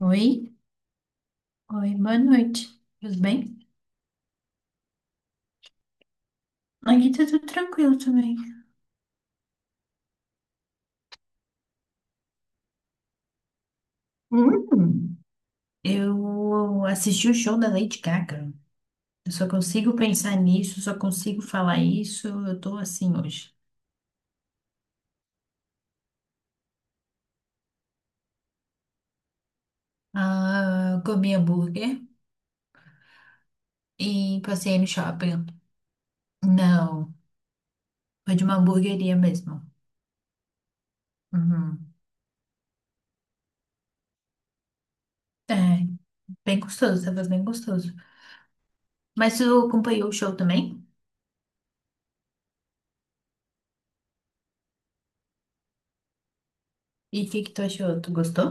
Oi, oi, boa noite. Tudo bem? Aqui tá tudo tranquilo também. Hum, eu assisti o show da Lady Gaga. Eu só consigo pensar nisso, só consigo falar isso. Eu tô assim hoje. Ah, comi hambúrguer e passei no shopping. Não, foi de uma hamburgueria mesmo. Uhum. É, bem gostoso, tava bem gostoso. Mas tu acompanhou o show também? E o que que tu achou? Tu gostou?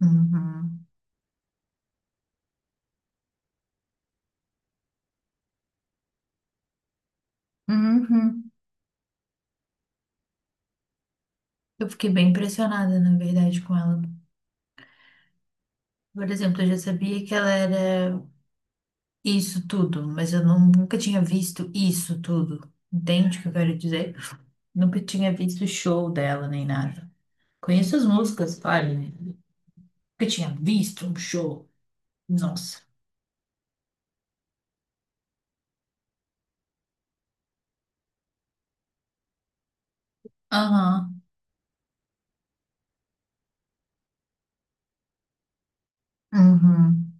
Uhum. Uhum. Eu fiquei bem impressionada, na verdade, com ela. Por exemplo, eu já sabia que ela era isso tudo, mas eu não- nunca tinha visto isso tudo. Entende o que eu quero dizer? Nunca tinha visto show dela nem nada. Conheço as músicas, claro, né? Nunca tinha visto um show. Nossa. Aham. Uhum.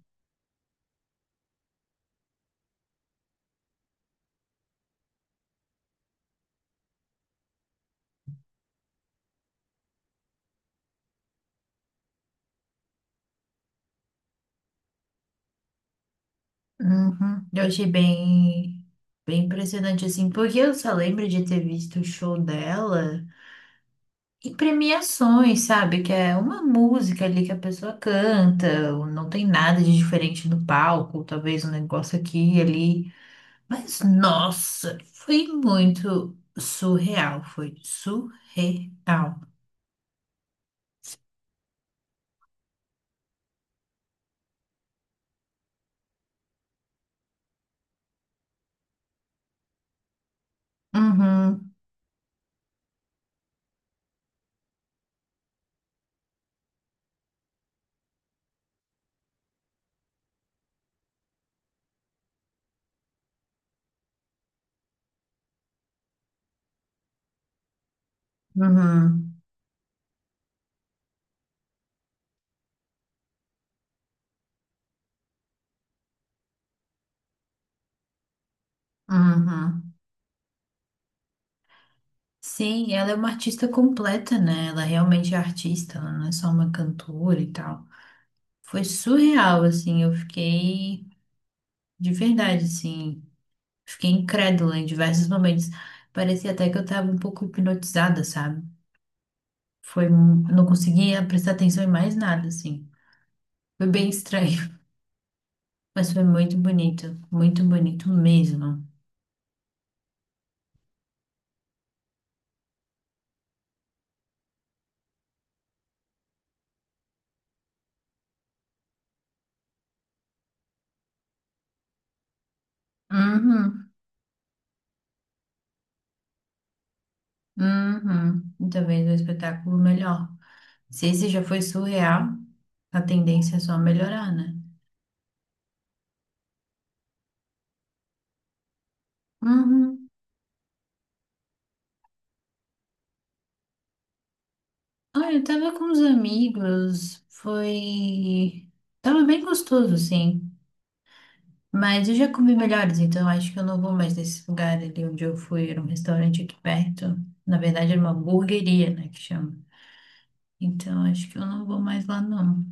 Uhum. Eu achei bem impressionante, assim, porque eu só lembro de ter visto o show dela. E premiações, sabe? Que é uma música ali que a pessoa canta, ou não tem nada de diferente no palco, talvez um negócio aqui e ali. Mas nossa, foi muito surreal, foi surreal. Uhum, uhum, uhum. Sim, ela é uma artista completa, né? Ela realmente é artista, ela não é só uma cantora e tal. Foi surreal, assim, eu fiquei de verdade, assim. Fiquei incrédula em diversos momentos. Parecia até que eu tava um pouco hipnotizada, sabe? Não conseguia prestar atenção em mais nada, assim. Foi bem estranho, mas foi muito bonito mesmo. Uhum, uhum. E talvez um espetáculo melhor. Se esse já foi surreal, a tendência é só melhorar, né? Uhum. Ah, eu tava com os amigos, foi... Tava bem gostoso, assim. Mas eu já comi melhores, então acho que eu não vou mais nesse lugar ali onde eu fui. Era um restaurante aqui perto. Na verdade, era uma hamburgueria, né, que chama. Então acho que eu não vou mais lá, não.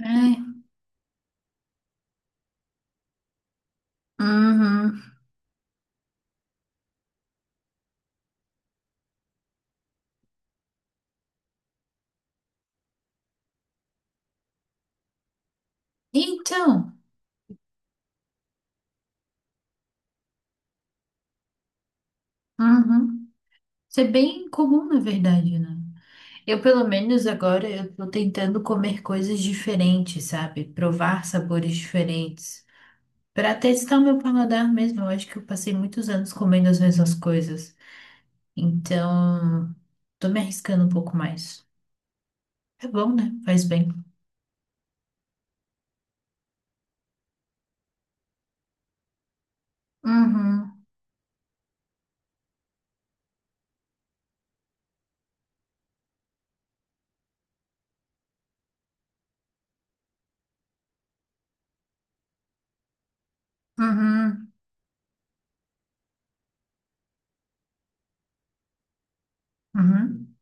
É. Uhum. Então, uhum. Isso é bem comum, na verdade, né? Eu, pelo menos agora, eu tô tentando comer coisas diferentes, sabe? Provar sabores diferentes. Pra testar o meu paladar mesmo. Eu acho que eu passei muitos anos comendo as mesmas coisas. Então, tô me arriscando um pouco mais. É bom, né? Faz bem. Uhum, uhum, uhum.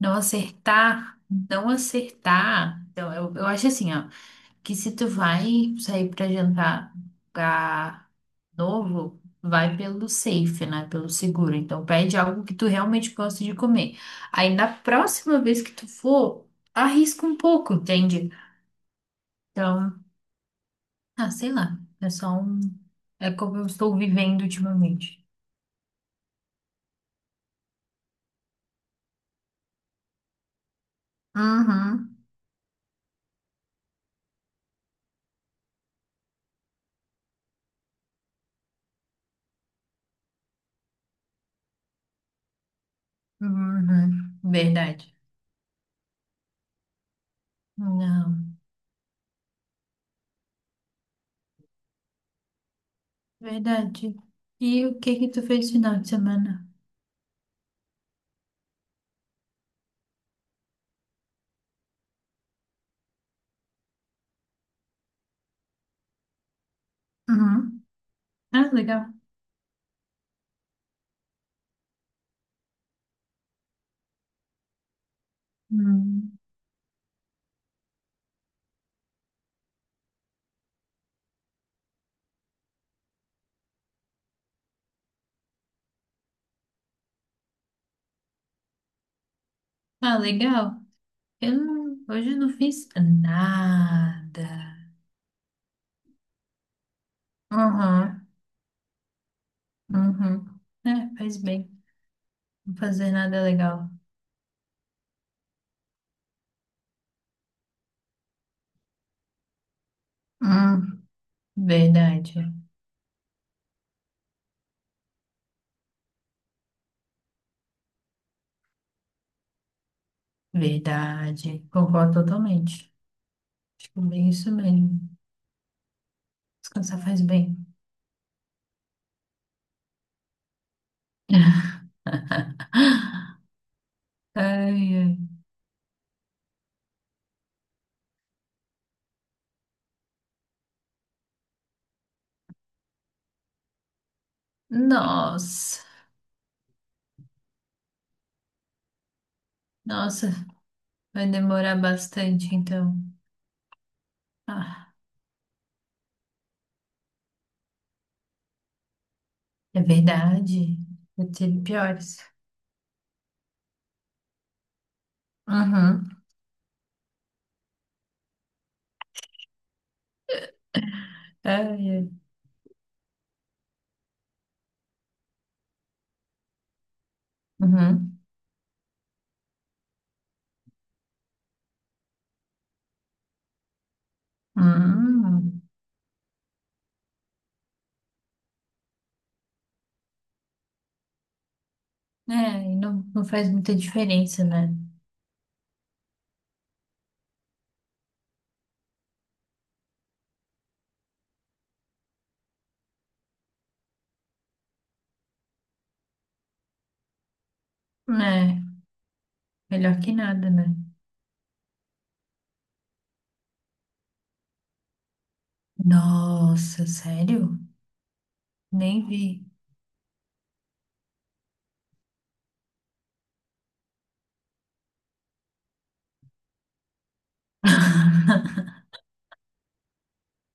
Não acertar, não acertar. Então, eu acho assim, ó, que se tu vai sair pra jantar pra novo, vai pelo safe, né? Pelo seguro. Então, pede algo que tu realmente gosta de comer. Aí, na próxima vez que tu for, arrisca um pouco, entende? Então, ah, sei lá. É só um. É como eu estou vivendo ultimamente. Uhum. Uhum. Verdade. Não, verdade. E o que que tu fez no final de semana? Uhum. Ah, legal. Hum. Ah, legal. Eu não, hoje eu não fiz nada. Uhum. Uhum. É, faz bem. Não fazer nada é legal. Hum. Verdade. Verdade. Concordo totalmente. Acho que é bem isso mesmo. Descansar faz bem. Ai, ai. Nossa, nossa, vai demorar bastante, então. Ah, é verdade. Eu tive piores. Uhum. Ai, ai. Uhum. Hum. É, e não, não faz muita diferença, né? É, melhor que nada, né? Nossa, sério? Nem vi.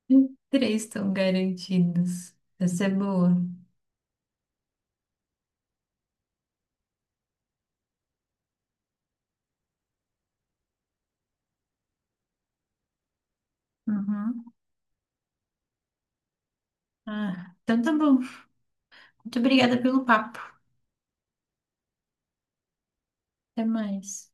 Três estão garantidos. Essa é boa. Uhum. Ah, então tá bom. Muito obrigada pelo papo. Até mais.